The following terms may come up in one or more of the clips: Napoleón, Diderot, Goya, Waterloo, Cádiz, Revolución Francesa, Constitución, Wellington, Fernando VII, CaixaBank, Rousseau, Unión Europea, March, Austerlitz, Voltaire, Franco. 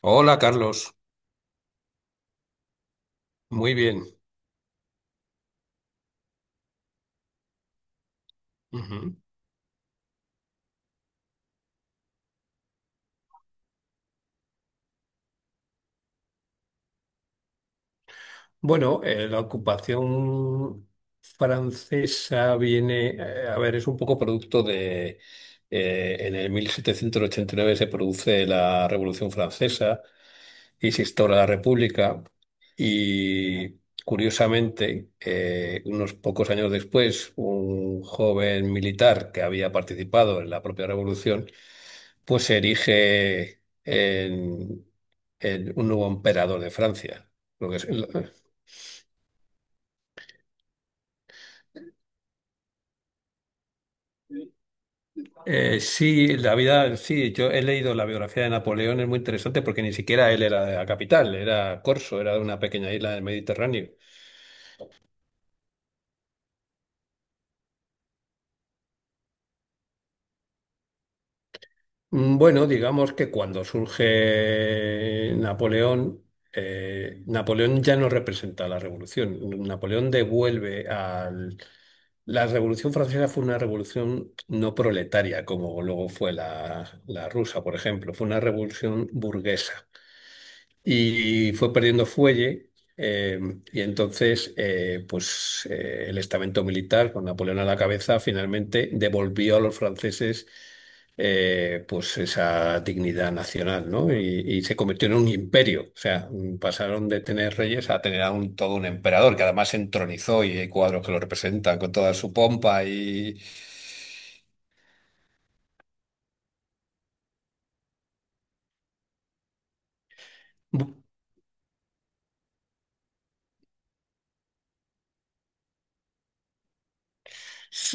Hola, Carlos. Muy bien. Ujú. Bueno, la ocupación francesa viene, a ver, es un poco producto de, en el 1789 se produce la Revolución Francesa y se instaura la República y, curiosamente, unos pocos años después, un joven militar que había participado en la propia Revolución pues se erige en un nuevo emperador de Francia. Lo que es- sí, la vida, sí, yo he leído la biografía de Napoleón. Es muy interesante porque ni siquiera él era de la capital, era Corso, era de una pequeña isla del Mediterráneo. Mm. Bueno, digamos que cuando surge Napoleón, Napoleón ya no representa la revolución. Napoleón devuelve al La Revolución Francesa fue una revolución no proletaria, como luego fue la rusa, por ejemplo. Fue una revolución burguesa y fue perdiendo fuelle. eh, y entonces, el estamento militar, con Napoleón a la cabeza, finalmente devolvió a los franceses pues esa dignidad nacional, ¿no? Y se convirtió en un imperio. O sea, mm, pasaron de tener reyes a tener a todo un emperador, que además se entronizó, y hay cuadros que lo representan con toda su pompa. Y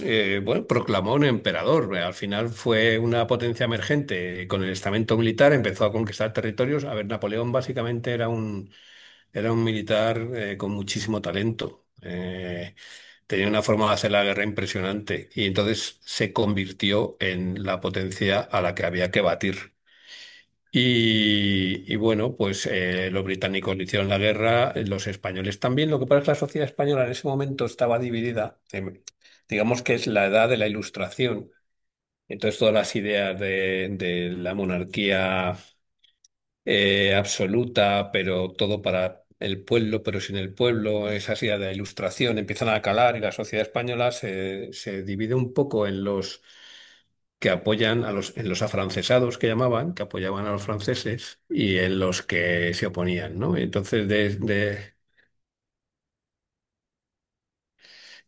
bueno, proclamó un emperador. Al final fue una potencia emergente. Con el estamento militar empezó a conquistar territorios. A ver, Napoleón básicamente era un militar con muchísimo talento. Tenía una forma de hacer la guerra impresionante, y entonces se convirtió en la potencia a la que había que batir. Y bueno, pues los británicos le hicieron la guerra, los españoles también. Lo que pasa es que la sociedad española en ese momento estaba dividida. Digamos que es la edad de la Ilustración. Entonces, todas las ideas de la monarquía absoluta, pero todo para el pueblo, pero sin el pueblo, esas ideas de la Ilustración empiezan a calar, y la sociedad española se divide un poco en los que apoyan a los, en los afrancesados, que llamaban, que apoyaban a los franceses, y en los que se oponían, ¿no?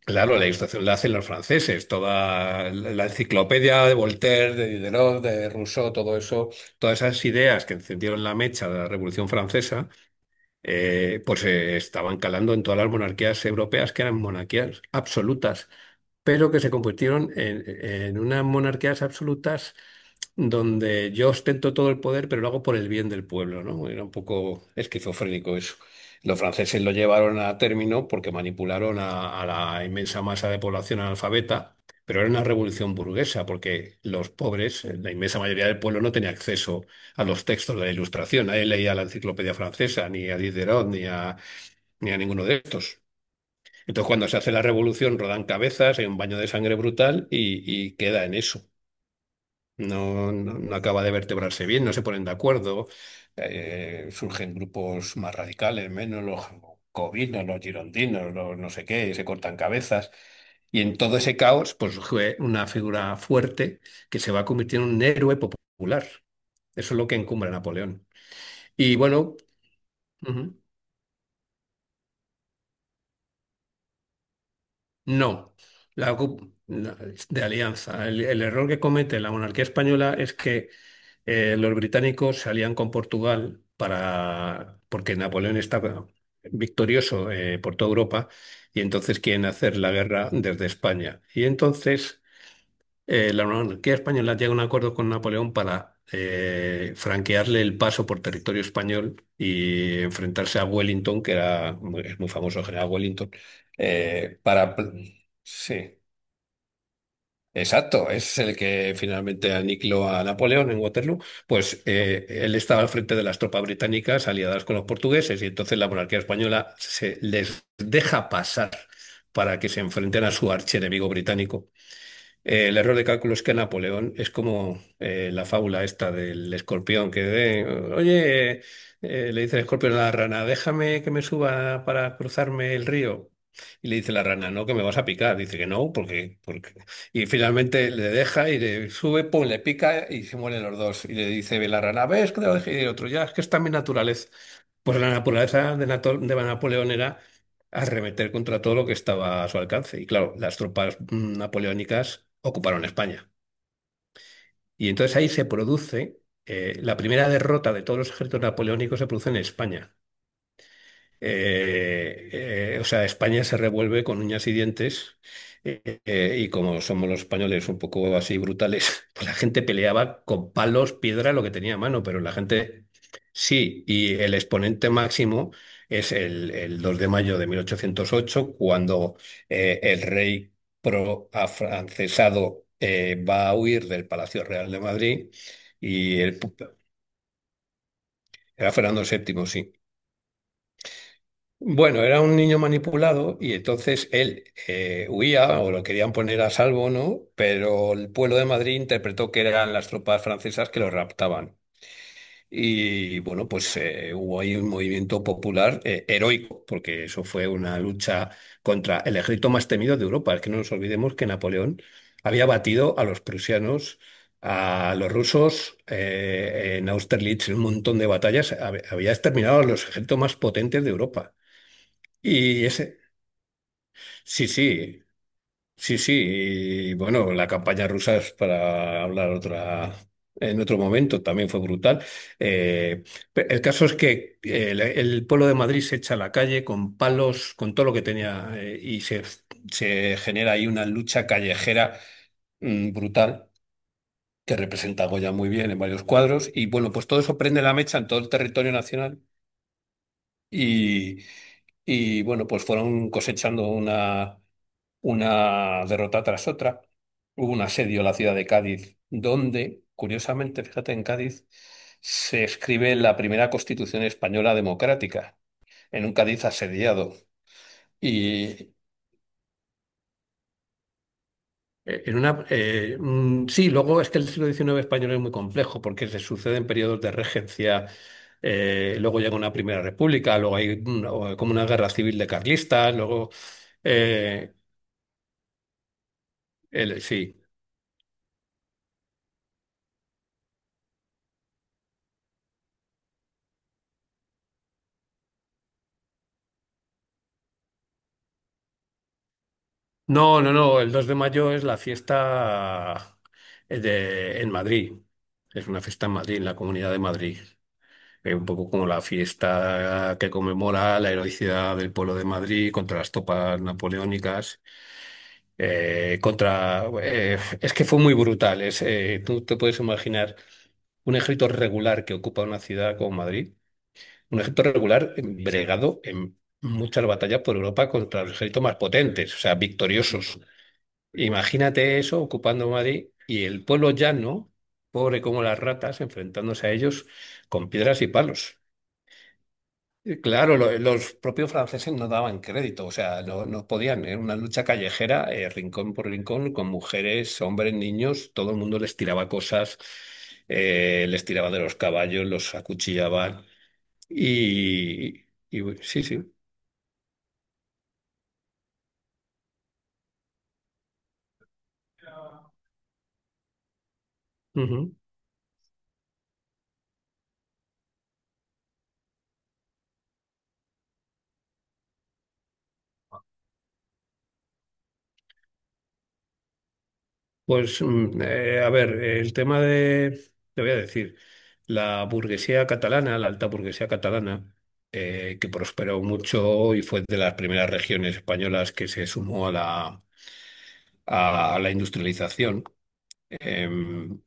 Claro, la Ilustración la hacen los franceses, toda la enciclopedia de Voltaire, de Diderot, de Rousseau, todo eso, todas esas ideas que encendieron la mecha de la Revolución Francesa. Pues se estaban calando en todas las monarquías europeas, que eran monarquías absolutas, pero que se convirtieron en unas monarquías absolutas donde yo ostento todo el poder, pero lo hago por el bien del pueblo, ¿no? Era un poco esquizofrénico eso. Los franceses lo llevaron a término porque manipularon a la inmensa masa de población analfabeta, pero era una revolución burguesa, porque los pobres, la inmensa mayoría del pueblo, no tenía acceso a los textos de la Ilustración. Nadie leía la enciclopedia francesa, ni a Diderot, ni a ni a ninguno de estos. Entonces, cuando se hace la revolución, rodan cabezas, hay un baño de sangre brutal, y queda en eso. No, no, no acaba de vertebrarse bien, no se ponen de acuerdo, surgen grupos más radicales, menos los jacobinos, los girondinos, los no sé qué, se cortan cabezas. Y en todo ese caos, pues surge una figura fuerte que se va a convertir en un héroe popular. Eso es lo que encumbra a Napoleón. Y bueno, ujú. No, la, ocu- la- de alianza. El error que comete la monarquía española es que los británicos se alían con Portugal para, porque Napoleón está victorioso por toda Europa, y entonces quieren hacer la guerra desde España. Y entonces la monarquía española llega a un acuerdo con Napoleón para franquearle el paso por territorio español y enfrentarse a Wellington, que es muy famoso el general Wellington. eh, para... Sí, exacto, es el que finalmente aniquiló a Napoleón en Waterloo. Pues él estaba al frente de las tropas británicas aliadas con los portugueses, y entonces la monarquía española se les deja pasar para que se enfrenten a su archienemigo británico. El error de cálculo es que Napoleón es como la fábula esta del escorpión. Oye, le dice el escorpión a la rana, déjame que me suba para cruzarme el río. Y le dice la rana, no, que me vas a picar. Dice que no, porque, porque... Y finalmente le deja y le sube, pum, le pica y se mueren los dos. Y le dice la rana, ¿ves que te lo dejé? Y el otro, ya, es que está mi naturaleza. Pues la naturaleza de Napoleón era arremeter contra todo lo que estaba a su alcance. Y claro, las tropas napoleónicas ocuparon España. Y entonces ahí se produce, la primera derrota de todos los ejércitos napoleónicos se produce en España. O sea, España se revuelve con uñas y dientes, y como somos los españoles un poco así brutales, pues la gente peleaba con palos, piedra, lo que tenía a mano. Pero la gente sí, y el exponente máximo es el 2 de mayo de mil ochocientos ocho, cuando el rey pro-afrancesado va a huir del Palacio Real de Madrid. Y el, pu- era Fernando VII, sí. Bueno, era un niño manipulado, y entonces él huía, o lo querían poner a salvo, ¿no? Pero el pueblo de Madrid interpretó que eran las tropas francesas que lo raptaban. Y bueno, pues hubo ahí un movimiento popular heroico, porque eso fue una lucha contra el ejército más temido de Europa. Es que no nos olvidemos que Napoleón había batido a los prusianos, a los rusos, en Austerlitz, en un montón de batallas, había exterminado a los ejércitos más potentes de Europa. Y ese, sí, sí, sí, sí. Y bueno, la campaña rusa es para hablar otra, en otro momento, también fue brutal. Eh, el caso es que el pueblo de Madrid se echa a la calle con palos, con todo lo que tenía, y se genera ahí una lucha callejera brutal, que representa a Goya muy bien en varios cuadros. Y bueno, pues todo eso prende la mecha en todo el territorio nacional, y, y bueno, pues fueron cosechando una derrota tras otra. Hubo un asedio a la ciudad de Cádiz, donde, curiosamente, fíjate, en Cádiz se escribe la primera Constitución española democrática, en un Cádiz asediado. Y sí, luego es que el siglo XIX español es muy complejo, porque se suceden periodos de regencia. Luego llega una primera república, luego hay una- o- como una guerra civil de carlistas, luego eh, sí. No, no, no, el 2 de mayo es la fiesta en Madrid. Es una fiesta en Madrid, en la Comunidad de Madrid. Es un poco como la fiesta que conmemora la heroicidad del pueblo de Madrid contra las tropas napoleónicas. Es que fue muy brutal. Es, tú te puedes imaginar un ejército regular que ocupa una ciudad como Madrid, un ejército regular bregado en muchas batallas por Europa contra los ejércitos más potentes, o sea, victoriosos. Imagínate eso ocupando Madrid, y el pueblo llano, pobre como las ratas, enfrentándose a ellos con piedras y palos. Y claro, los propios franceses no daban crédito, o sea, no, no podían. Era una lucha callejera, rincón por rincón, con mujeres, hombres, niños, todo el mundo les tiraba cosas, les tiraba de los caballos, los acuchillaban. Y, y sí, sí. Pues, a ver, te voy a decir, la burguesía catalana, la alta burguesía catalana, que prosperó mucho y fue de las primeras regiones españolas que se sumó a la industrialización, em,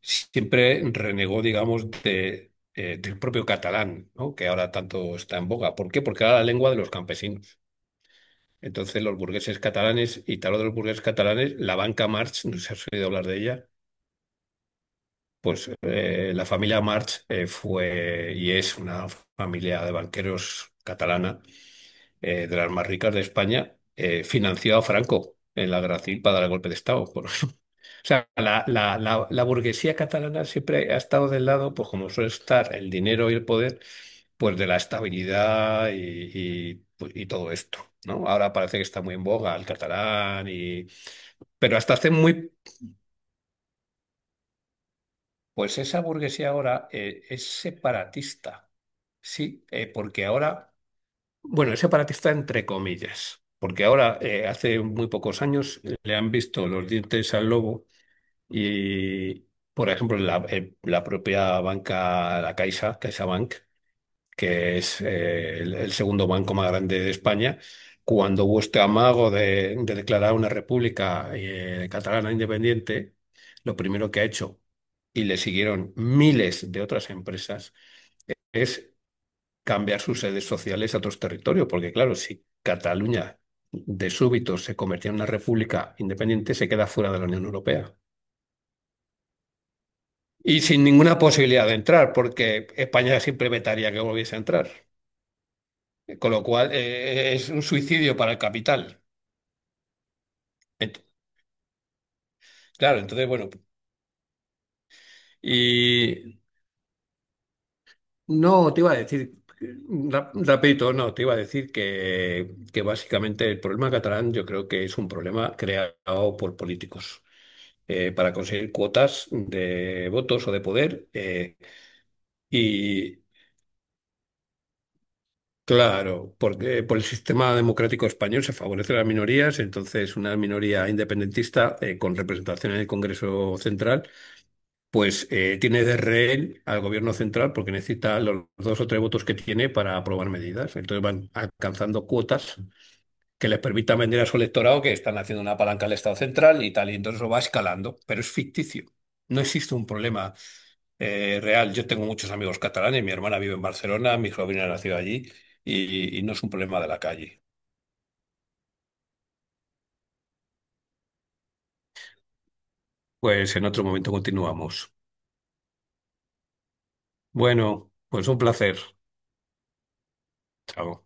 siempre renegó, digamos, del propio catalán, ¿no? Que ahora tanto está en boga. ¿Por qué? Porque era la lengua de los campesinos. Entonces, los burgueses catalanes, y te hablo de los burgueses catalanes, la banca Marx, no sé si has oído hablar de ella. Pues la familia March fue y es una familia de banqueros catalana, de las más ricas de España. Financió a Franco en la Gracil para dar el golpe de Estado. O sea, la burguesía catalana siempre ha estado del lado, pues como suele estar el dinero y el poder, pues de la estabilidad, y, pues, y todo esto, ¿no? Ahora parece que está muy en boga el catalán y... Pero hasta hace muy Pues esa burguesía ahora es separatista, sí, porque ahora, bueno, es separatista entre comillas, porque ahora, hace muy pocos años, le han visto los dientes al lobo. Y, por ejemplo, la, la propia banca, la Caixa, CaixaBank, que es el segundo banco más grande de España, cuando vuestro amago de declarar una república catalana independiente, lo primero que ha hecho, y le siguieron miles de otras empresas, es cambiar sus sedes sociales a otros territorios, porque claro, si Cataluña de súbito se convertía en una república independiente, se queda fuera de la Unión Europea. Y sin ninguna posibilidad de entrar, porque España siempre vetaría que volviese a entrar. Con lo cual, es un suicidio para el capital. Ent- claro, entonces, bueno. Y no, te iba a decir, rapidito. No, te iba a decir que básicamente el problema catalán yo creo que es un problema creado por políticos para conseguir cuotas de votos o de poder. Y claro, porque por el sistema democrático español se favorecen las minorías, entonces una minoría independentista con representación en el Congreso Central, pues tiene de rehén al gobierno central, porque necesita los dos o tres votos que tiene para aprobar medidas. Entonces van alcanzando cuotas que les permitan vender a su electorado que están haciendo una palanca al Estado central y tal, y entonces eso va escalando, pero es ficticio. No existe un problema real. Yo tengo muchos amigos catalanes, mi hermana vive en Barcelona, mi sobrina nació allí, y no es un problema de la calle. Pues en otro momento continuamos. Bueno, pues un placer. Chao.